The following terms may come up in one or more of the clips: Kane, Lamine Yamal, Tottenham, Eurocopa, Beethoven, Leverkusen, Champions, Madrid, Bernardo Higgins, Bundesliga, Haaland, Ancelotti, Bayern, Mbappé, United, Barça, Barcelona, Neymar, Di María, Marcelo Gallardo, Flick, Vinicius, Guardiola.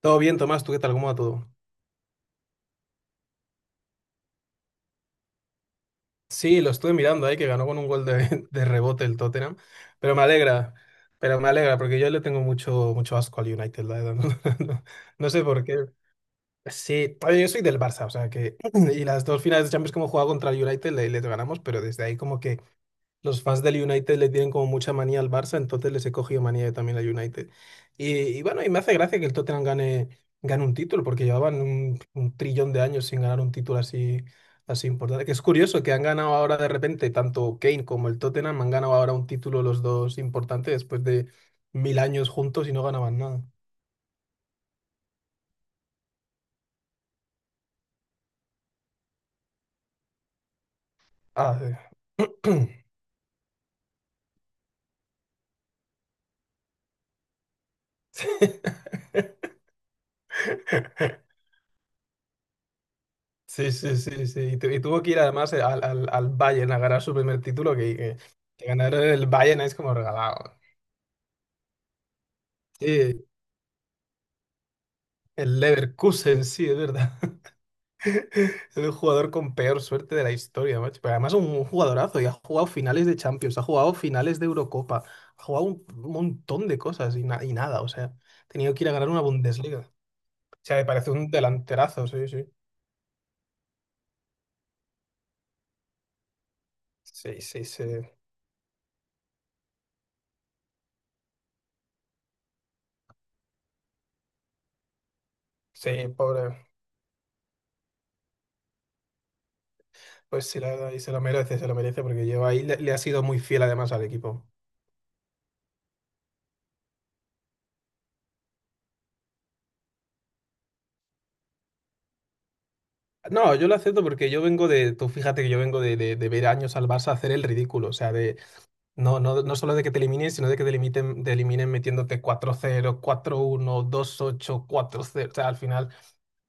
Todo bien, Tomás, ¿tú qué tal? ¿Cómo va todo? Sí, lo estuve mirando ahí, que ganó con un gol de rebote el Tottenham, pero me alegra, pero me alegra, porque yo le tengo mucho asco al United, la verdad. No, no- no sé por qué. Sí, oye, yo soy del Barça, o sea que, y las dos finales de Champions que hemos jugado contra el United le ganamos, pero desde ahí como que los fans del United le tienen como mucha manía al Barça, entonces les he cogido manía yo también al United. Y bueno, y me hace gracia que el Tottenham gane un título, porque llevaban un trillón de años sin ganar un título así importante. Que es curioso que han ganado ahora de repente, tanto Kane como el Tottenham han ganado ahora un título los dos importantes después de mil años juntos y no ganaban nada. Ah, eh. Sí. Y tuvo que ir además al Bayern a ganar su primer título, que ganar el Bayern es como regalado. Sí, el Leverkusen, sí, es verdad. Es el jugador con peor suerte de la historia, macho. Pero además un jugadorazo y ha jugado finales de Champions, ha jugado finales de Eurocopa, ha jugado un montón de cosas y nada, o sea, ha tenido que ir a ganar una Bundesliga. O sea, me parece un delanterazo, sí, sí. Sí, sí, sí. Sí, pobre. Pues sí, la verdad, y se lo merece porque lleva ahí, le ha sido muy fiel además al equipo. No, yo lo acepto porque yo vengo de, tú fíjate que yo vengo de ver años al Barça hacer el ridículo, o sea, de no solo de que te eliminen, sino de que te elimiten, te eliminen metiéndote cuatro cero, cuatro uno, dos ocho, cuatro cero, o sea, al final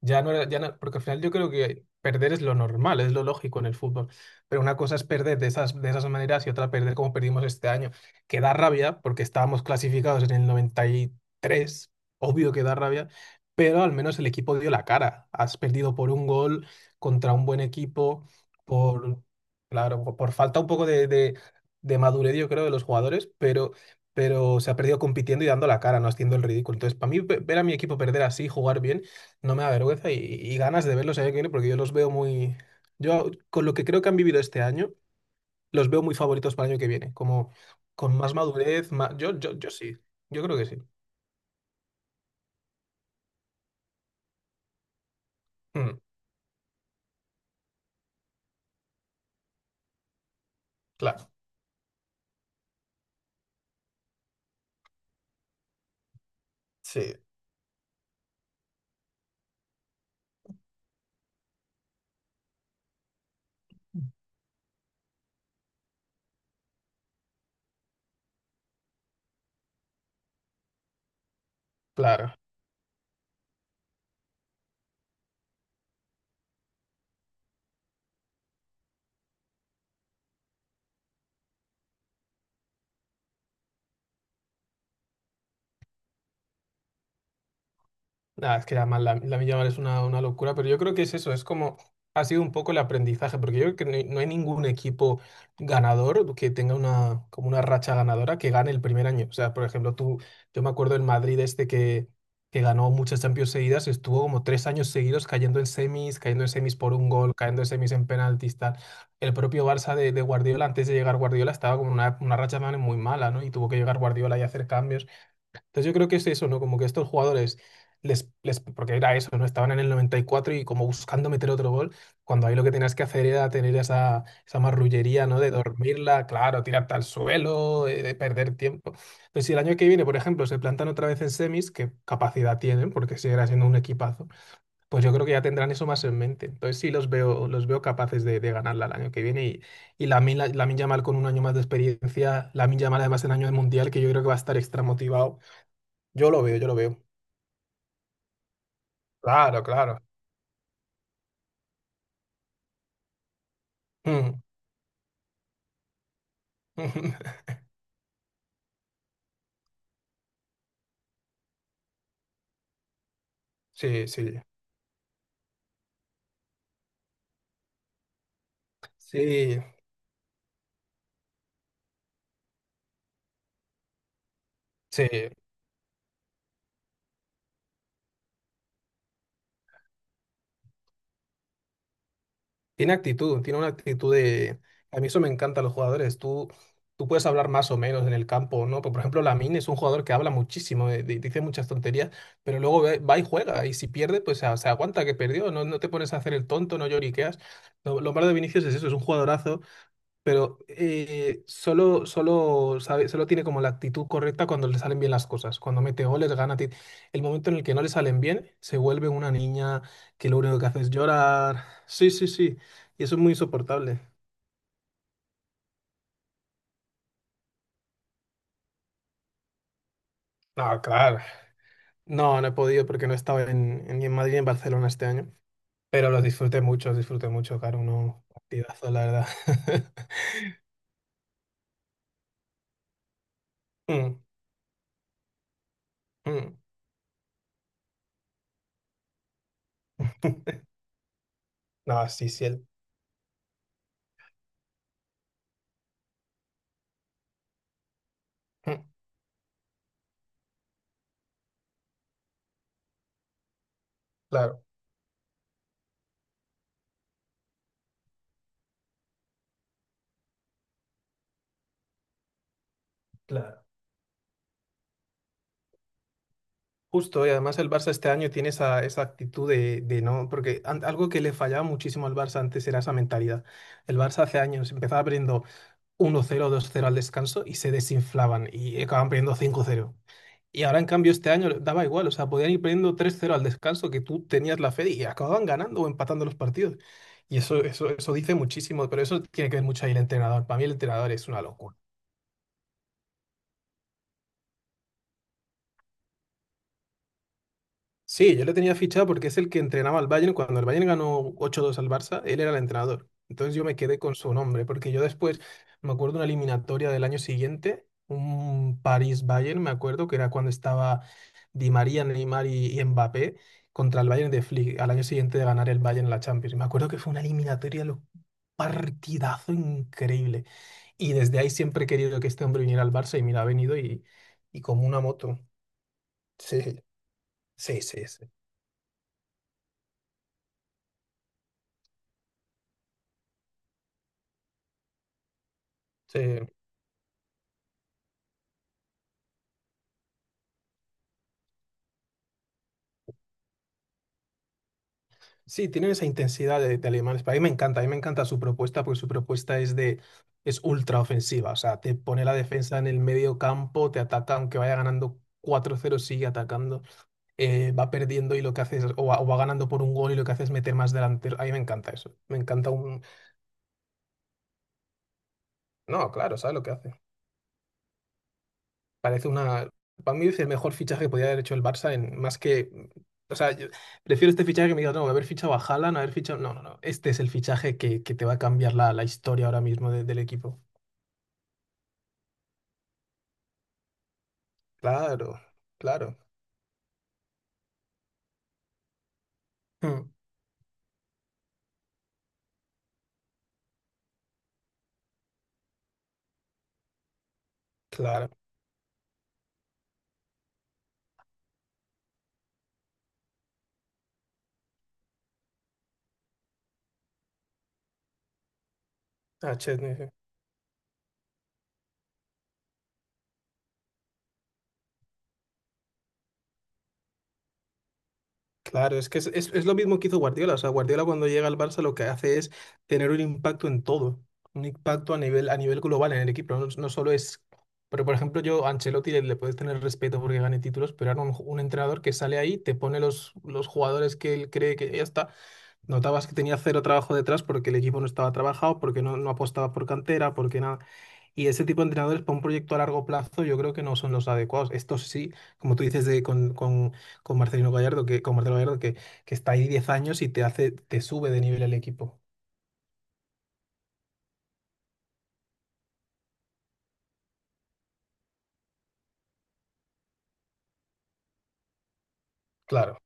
ya no era, porque al final yo creo que perder es lo normal, es lo lógico en el fútbol. Pero una cosa es perder de de esas maneras y otra perder como perdimos este año, que da rabia porque estábamos clasificados en el noventa y tres, obvio que da rabia, pero al menos el equipo dio la cara. Has perdido por un gol contra un buen equipo, por, claro, por falta un poco de madurez, yo creo, de los jugadores, pero se ha perdido compitiendo y dando la cara, no haciendo el ridículo. Entonces, para mí, ver a mi equipo perder así, jugar bien, no me da vergüenza y ganas de verlos el año que viene porque yo los veo muy... Yo con lo que creo que han vivido este año, los veo muy favoritos para el año que viene, como con más madurez, yo sí, yo creo que sí. Mm, claro, sí, claro. Nada, es que además la Milla Mal es una locura, pero yo creo que es eso, es como ha sido un poco el aprendizaje, porque yo creo que no hay ningún equipo ganador que tenga una, como una racha ganadora que gane el primer año. O sea, por ejemplo, yo me acuerdo del Madrid este que ganó muchas Champions seguidas, estuvo como tres años seguidos cayendo en semis por un gol, cayendo en semis en penaltis, tal. El propio Barça de Guardiola, antes de llegar Guardiola, estaba como una racha también muy mala, ¿no? Y tuvo que llegar Guardiola y hacer cambios. Entonces yo creo que es eso, ¿no? Como que estos jugadores, porque era eso, ¿no? Estaban en el noventa y cuatro y como buscando meter otro gol, cuando ahí lo que tenías que hacer era tener esa marrullería, ¿no? De dormirla, claro, tirarte al suelo, de perder tiempo. Entonces si el año que viene, por ejemplo, se plantan otra vez en semis, que capacidad tienen, porque seguirá siendo un equipazo, pues yo creo que ya tendrán eso más en mente. Entonces sí los veo capaces de ganarla el año que viene y Lamine Yamal con un año más de experiencia, Lamine Yamal además en año de mundial, que yo creo que va a estar extra motivado. Yo lo veo, yo lo veo. Claro, claro. Mm. Sí, sí, sí, sí. Tiene actitud, tiene una actitud de... A mí eso me encanta, los jugadores. Tú puedes hablar más o menos en el campo, ¿no? Por ejemplo, Lamine es un jugador que habla muchísimo, dice muchas tonterías, pero luego va y juega. Y si pierde, pues se aguanta que perdió. No te pones a hacer el tonto, no lloriqueas. Lo malo de Vinicius es eso, es un jugadorazo pero solo tiene como la actitud correcta cuando le salen bien las cosas. Cuando mete goles, gana. El momento en el que no le salen bien, se vuelve una niña que lo único que hace es llorar. Sí, sí, sí. Y eso es muy insoportable. No, claro. No, no he podido porque no he estado ni en Madrid ni en Barcelona este año. Pero los disfruté mucho, claro, uno partidazos, la verdad. Mm, mm. No, sí, sí, mm, claro. Claro. Justo, y además el Barça este año tiene esa actitud de no, porque algo que le fallaba muchísimo al Barça antes era esa mentalidad. El Barça hace años empezaba perdiendo uno cero dos cero al descanso y se desinflaban y acababan perdiendo cinco cero. Y ahora en cambio este año daba igual, o sea, podían ir perdiendo tres cero al descanso que tú tenías la fe y acababan ganando o empatando los partidos. Eso dice muchísimo, pero eso tiene que ver mucho ahí el entrenador. Para mí el entrenador es una locura. Sí, yo le tenía fichado porque es el que entrenaba al Bayern cuando el Bayern ganó 8-2 al Barça, él era el entrenador. Entonces yo me quedé con su nombre, porque yo después me acuerdo una eliminatoria del año siguiente, un París-Bayern, me acuerdo que era cuando estaba Di María, Neymar y Mbappé contra el Bayern de Flick, al año siguiente de ganar el Bayern la Champions. Me acuerdo que fue una eliminatoria, partidazo increíble. Y desde ahí siempre he querido que este hombre viniera al Barça y mira, ha venido y como una moto. Sí, sí, sí, sí. Sí. Sí, tienen esa intensidad de alemanes. Pero a mí me encanta, a mí me encanta su propuesta porque su propuesta es de es ultra ofensiva. O sea, te pone la defensa en el medio campo, te ataca, aunque vaya ganando 4-0, sigue atacando, va perdiendo y lo que hace es, o va ganando por un gol y lo que hace es meter más delantero. A mí me encanta eso. Me encanta un... No, claro, ¿sabes lo que hace? Parece una. Para mí es el mejor fichaje que podía haber hecho el Barça en más que. O sea, yo prefiero este fichaje que me digas, no, haber fichado a Haaland, haber fichado. No, no, no. Este es el fichaje que te va a cambiar la historia ahora mismo del equipo. Claro, claro. Mm, claro. Ah, Chesney, sí. Claro, es que es lo mismo que hizo Guardiola. O sea, Guardiola cuando llega al Barça lo que hace es tener un impacto en todo, un impacto a nivel global en el equipo. No, no solo es. Pero, por ejemplo, yo a Ancelotti le puedes tener respeto porque gane títulos, pero era un entrenador que sale ahí, te pone los jugadores que él cree que ya está. Notabas que tenía cero trabajo detrás porque el equipo no estaba trabajado, porque no apostaba por cantera, porque nada. Y ese tipo de entrenadores para un proyecto a largo plazo yo creo que no son los adecuados. Estos sí, como tú dices con Marcelino con Marcelo Gallardo, que está ahí 10 años y te hace, te sube de nivel el equipo. Claro.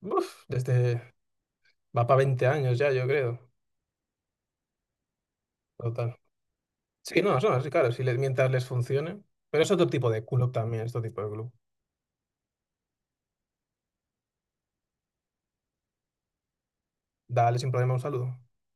Uf, desde va para 20 años ya, yo creo. Total. Sí, sí, claro, si les, mientras les funcione. Pero es otro tipo de club también, este tipo de club. Dale sin problema un saludo.